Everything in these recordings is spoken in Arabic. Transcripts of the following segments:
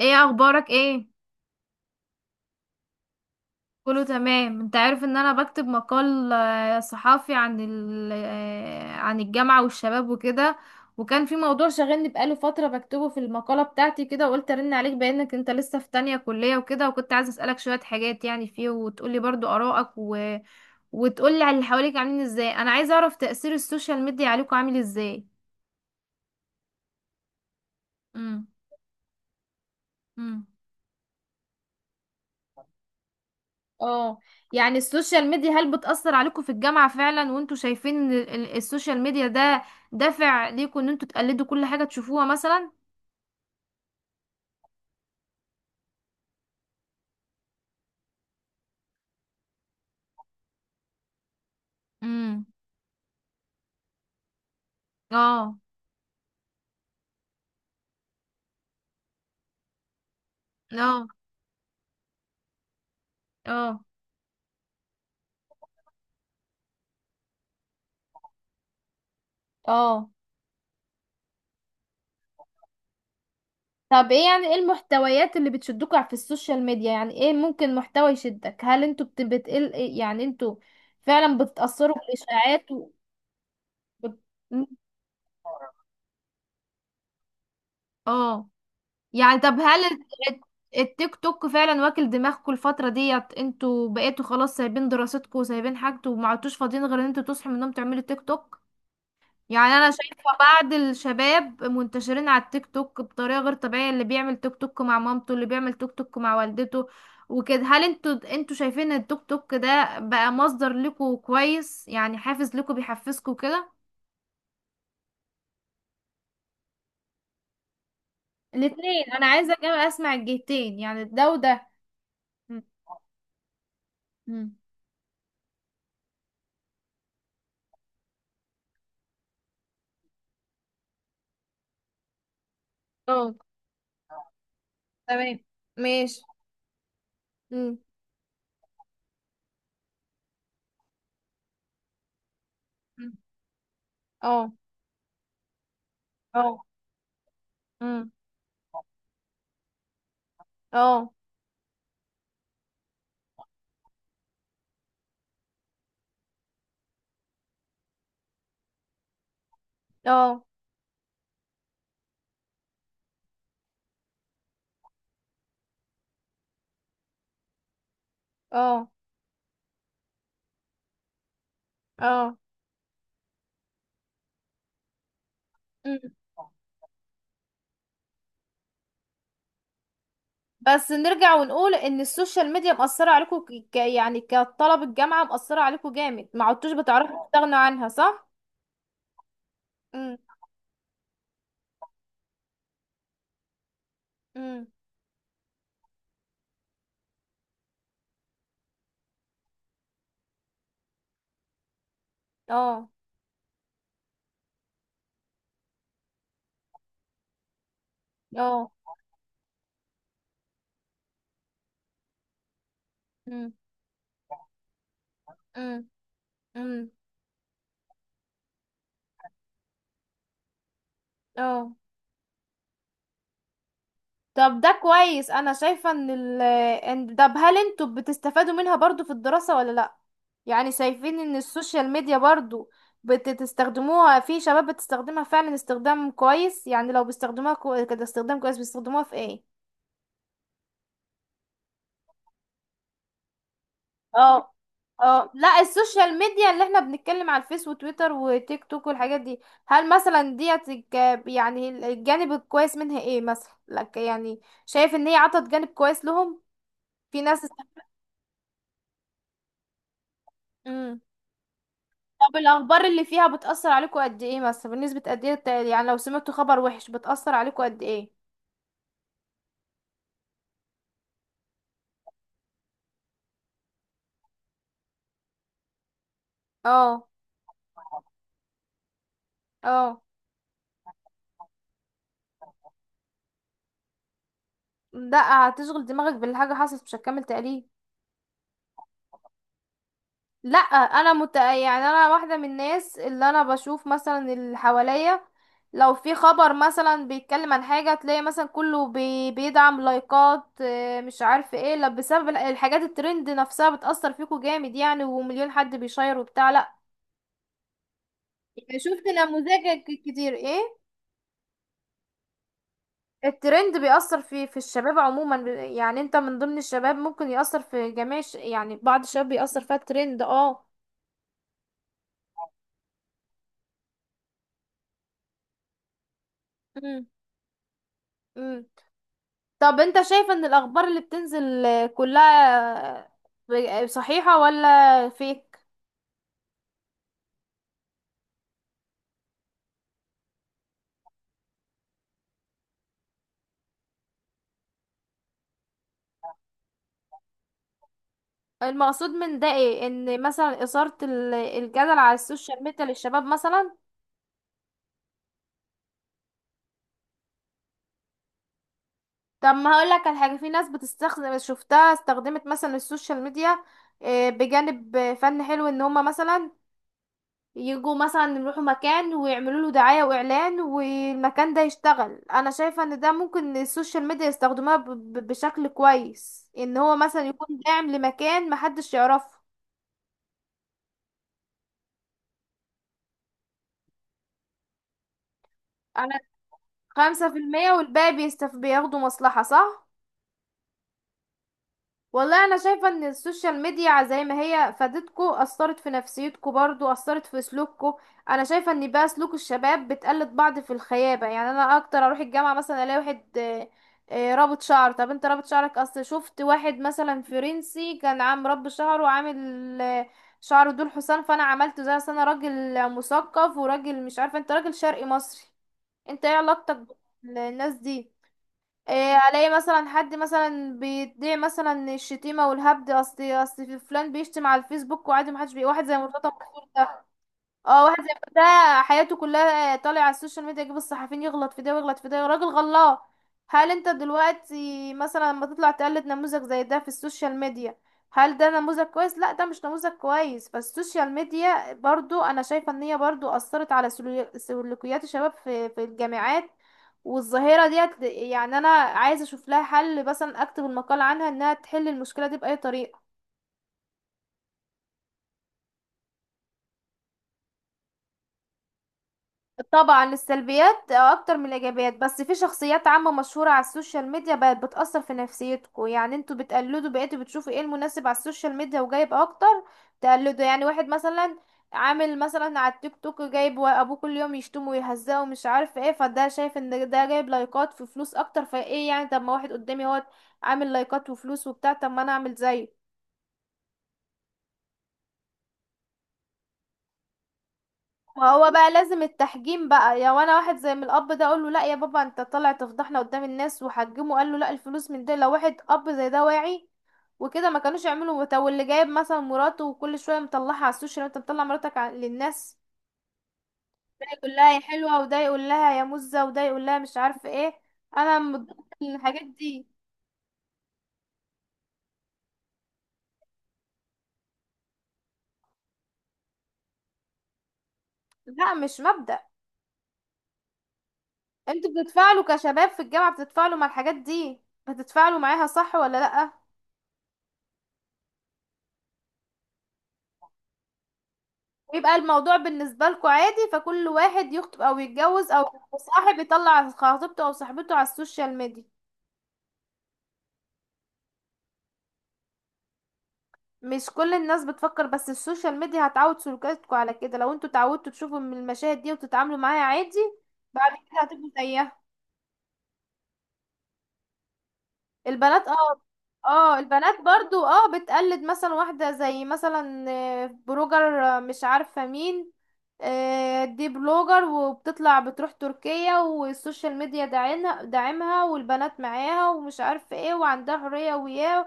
ايه اخبارك ايه؟ كله تمام. انت عارف ان انا بكتب مقال صحافي عن ال... آه، عن الجامعة والشباب وكده، وكان في موضوع شاغلني بقاله فترة بكتبه في المقالة بتاعتي كده، وقلت ارن عليك بانك انت لسه في تانية كلية وكده، وكنت عايزة اسألك شوية حاجات يعني فيه، وتقولي برضو آرائك، وتقولي على اللي حواليك عاملين ازاي. انا عايزة اعرف تأثير السوشيال ميديا عليكم عامل ازاي؟ امم. اه. يعني السوشيال ميديا هل بتأثر عليكم في الجامعة فعلا، وانتوا شايفين ان السوشيال ميديا ده دافع ليكم ان انتوا تقلدوا كل حاجة تشوفوها مثلا؟ امم. اه. اه. اه. اه. طب ايه، يعني ايه المحتويات اللي بتشدكوا في السوشيال ميديا؟ يعني ايه ممكن محتوى يشدك؟ هل انتوا بتقل، يعني انتوا فعلا بتتأثروا بالإشاعات بت... اه. يعني طب هل التيك توك فعلا واكل دماغكم الفترة ديت؟ انتوا بقيتوا خلاص سايبين دراستكم وسايبين حاجتكم، وما عدتوش فاضيين غير ان انتوا تصحوا من النوم تعملوا تيك توك. يعني انا شايفة بعض الشباب منتشرين على التيك توك بطريقة غير طبيعية، اللي بيعمل تيك توك مع مامته، اللي بيعمل تيك توك مع والدته وكده. هل انتوا شايفين ان التيك توك ده بقى مصدر لكم كويس، يعني حافز لكم بيحفزكم كده؟ الاتنين، انا عايزة أجي اسمع الجهتين، يعني ده وده. م- م. تمام. ماشي. امم. مم. اه. اه. امم. اه. اه. اه. اه. مم. بس نرجع ونقول ان السوشيال ميديا مأثرة عليكم يعني كطلب الجامعة مأثرة عليكم جامد، ما عدتوش بتعرفوا تستغنوا عنها، صح؟ امم. امم. اه. اه. امم. امم. امم. اه. طب ده كويس، انا شايفة ان طب هل انتوا بتستفادوا منها برضو في الدراسة ولا لا؟ يعني شايفين ان السوشيال ميديا برضو بتستخدموها في شباب بتستخدمها فعلا استخدام كويس؟ يعني لو بيستخدموها كده استخدام كويس، بيستخدموها في ايه؟ اه. اه. لا، السوشيال ميديا اللي احنا بنتكلم على الفيس وتويتر وتيك توك والحاجات دي. هل مثلا ديت يعني الجانب الكويس منها ايه مثلا لك؟ يعني شايف ان هي عطت جانب كويس لهم، في ناس. است... طب الأخبار اللي فيها بتأثر عليكم قد ايه مثلا؟ بنسبة قد ايه يعني لو سمعتوا خبر وحش بتأثر عليكم قد ايه؟ اه. اه. لا، هتشغل دماغك بالحاجة حصلت، مش هتكمل تقليل. لا، انا يعني انا واحدة من الناس اللي انا بشوف مثلا اللي حواليا، لو في خبر مثلا بيتكلم عن حاجة، تلاقي مثلا كله بيدعم لايكات مش عارف ايه، لا بسبب الحاجات الترند نفسها بتأثر فيكم جامد، يعني ومليون حد بيشير وبتاع، لا؟ يعني شفت نموذج كتير ايه. الترند بيأثر في الشباب عموما، يعني انت من ضمن الشباب ممكن يأثر في جميع يعني بعض الشباب بيأثر فيها الترند. اه. مم. مم. طب انت شايف ان الأخبار اللي بتنزل كلها صحيحة ولا فيك؟ المقصود من ده ايه؟ ان مثلا إثارة الجدل على السوشيال ميديا للشباب مثلا. طب ما هقولك على حاجة، في ناس بتستخدم، شفتها استخدمت مثلا السوشيال ميديا بجانب فن حلو، ان هما مثلا يجوا مثلا يروحوا مكان ويعملوا له دعاية واعلان، والمكان ده يشتغل. انا شايفة ان ده ممكن السوشيال ميديا يستخدموها بشكل كويس، ان هو مثلا يكون داعم لمكان محدش يعرفه. انا، 5% والباقي بيستف بياخدوا مصلحة، صح؟ والله انا شايفه ان السوشيال ميديا زي ما هي فادتكو، اثرت في نفسيتكو برضو، اثرت في سلوككو. انا شايفه ان بقى سلوك الشباب بتقلد بعض في الخيابه، يعني انا اكتر اروح الجامعه مثلا الاقي واحد رابط شعر. طب انت رابط شعرك؟ اصل شفت واحد مثلا فرنسي كان عام رب شعره وعامل آه، شعره دول حسام، فانا عملته زي، أصل انا راجل مثقف وراجل مش عارفه. انت راجل شرقي مصري، انت ايه علاقتك بالناس دي؟ إيه، الاقي مثلا حد مثلا بيدعي مثلا الشتيمه والهبد، اصل في فلان بيشتم على الفيسبوك وعادي محدش بي، واحد زي مرتضى منصور ده. اه، واحد زي ما ده حياته كلها طالع على السوشيال ميديا، يجيب الصحفيين يغلط في ده ويغلط في ده، راجل غلط. هل انت دلوقتي مثلا لما تطلع تقلد نموذج زي ده في السوشيال ميديا، هل ده نموذج كويس؟ لا ده مش نموذج كويس. فالسوشيال ميديا برضو انا شايفة ان هي برضو اثرت على سلوكيات الشباب في الجامعات، والظاهرة ديت يعني انا عايزة اشوف لها حل، مثلا اكتب المقال عنها انها تحل المشكلة دي بأي طريقة. طبعا السلبيات اكتر من الايجابيات، بس في شخصيات عامة مشهورة على السوشيال ميديا بقت بتأثر في نفسيتكم، يعني انتوا بتقلدوا، بقيتوا بتشوفوا ايه المناسب على السوشيال ميديا وجايب اكتر تقلدوا، يعني واحد مثلا عامل مثلا على التيك توك جايب ابوه كل يوم يشتمه ويهزقه ومش عارف ايه، فده شايف ان ده جايب لايكات في فلوس اكتر، فايه يعني طب ما واحد قدامي هو عامل لايكات وفلوس وبتاع، طب ما انا اعمل زيه. وهو بقى لازم التحجيم بقى، يا وانا واحد زي من الاب ده اقول له لا يا بابا انت طالع تفضحنا قدام الناس وحجمه، قال له لا الفلوس من ده. لو واحد اب زي ده واعي وكده ما كانوش يعملوا. طب واللي جايب مثلا مراته وكل شويه مطلعها على السوشيال، انت مطلع مراتك للناس، ده يقول لها يا حلوه، وده يقول لها يا مزه، وده يقول لها مش عارفه ايه. انا ضد الحاجات دي. لا، مش مبدأ. انتوا بتتفاعلوا كشباب في الجامعه، بتتفاعلوا مع الحاجات دي، بتتفاعلوا معاها صح ولا لا؟ ويبقى الموضوع بالنسبة لكم عادي، فكل واحد يخطب او يتجوز او صاحب يطلع خطيبته او صاحبته على السوشيال ميديا؟ مش كل الناس بتفكر، بس السوشيال ميديا هتعود سلوكاتكم على كده، لو انتوا اتعودتوا تشوفوا من المشاهد دي وتتعاملوا معاها عادي بعد كده هتبقوا زيها. البنات، اه. اه، البنات برضو اه، بتقلد مثلا واحدة زي مثلا بلوجر مش عارفة مين، دي بلوجر وبتطلع بتروح تركيا، والسوشيال ميديا داعينها داعمها، والبنات معاها ومش عارفة ايه وعندها حرية وياه.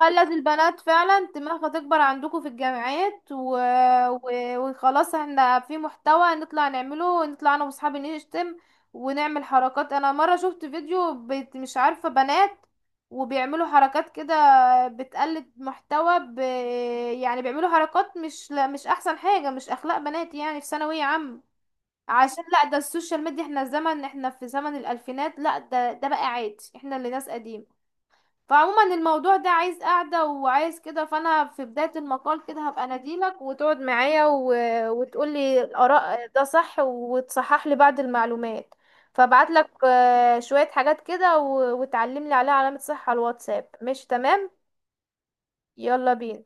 خلت البنات فعلا دماغها تكبر عندكم في الجامعات و... وخلاص احنا في محتوى نطلع نعمله، نطلع انا واصحابي نشتم ونعمل حركات. انا مرة شفت فيديو مش عارفة بنات وبيعملوا حركات كده، بتقلد محتوى يعني بيعملوا حركات مش، لا مش احسن حاجة، مش اخلاق بنات يعني في ثانوية عامة. عشان لا ده السوشيال ميديا، احنا زمن، احنا في زمن الالفينات، لا ده ده بقى عادي، احنا اللي ناس قديم. فعموما الموضوع ده عايز قعدة وعايز كده، فأنا في بداية المقال كده هبقى أناديلك، وتقعد معايا وتقولي الآراء ده صح وتصحح لي بعض المعلومات. فابعتلك شوية حاجات كده وتعلملي عليها علامة صح على الواتساب، مش تمام؟ يلا بينا.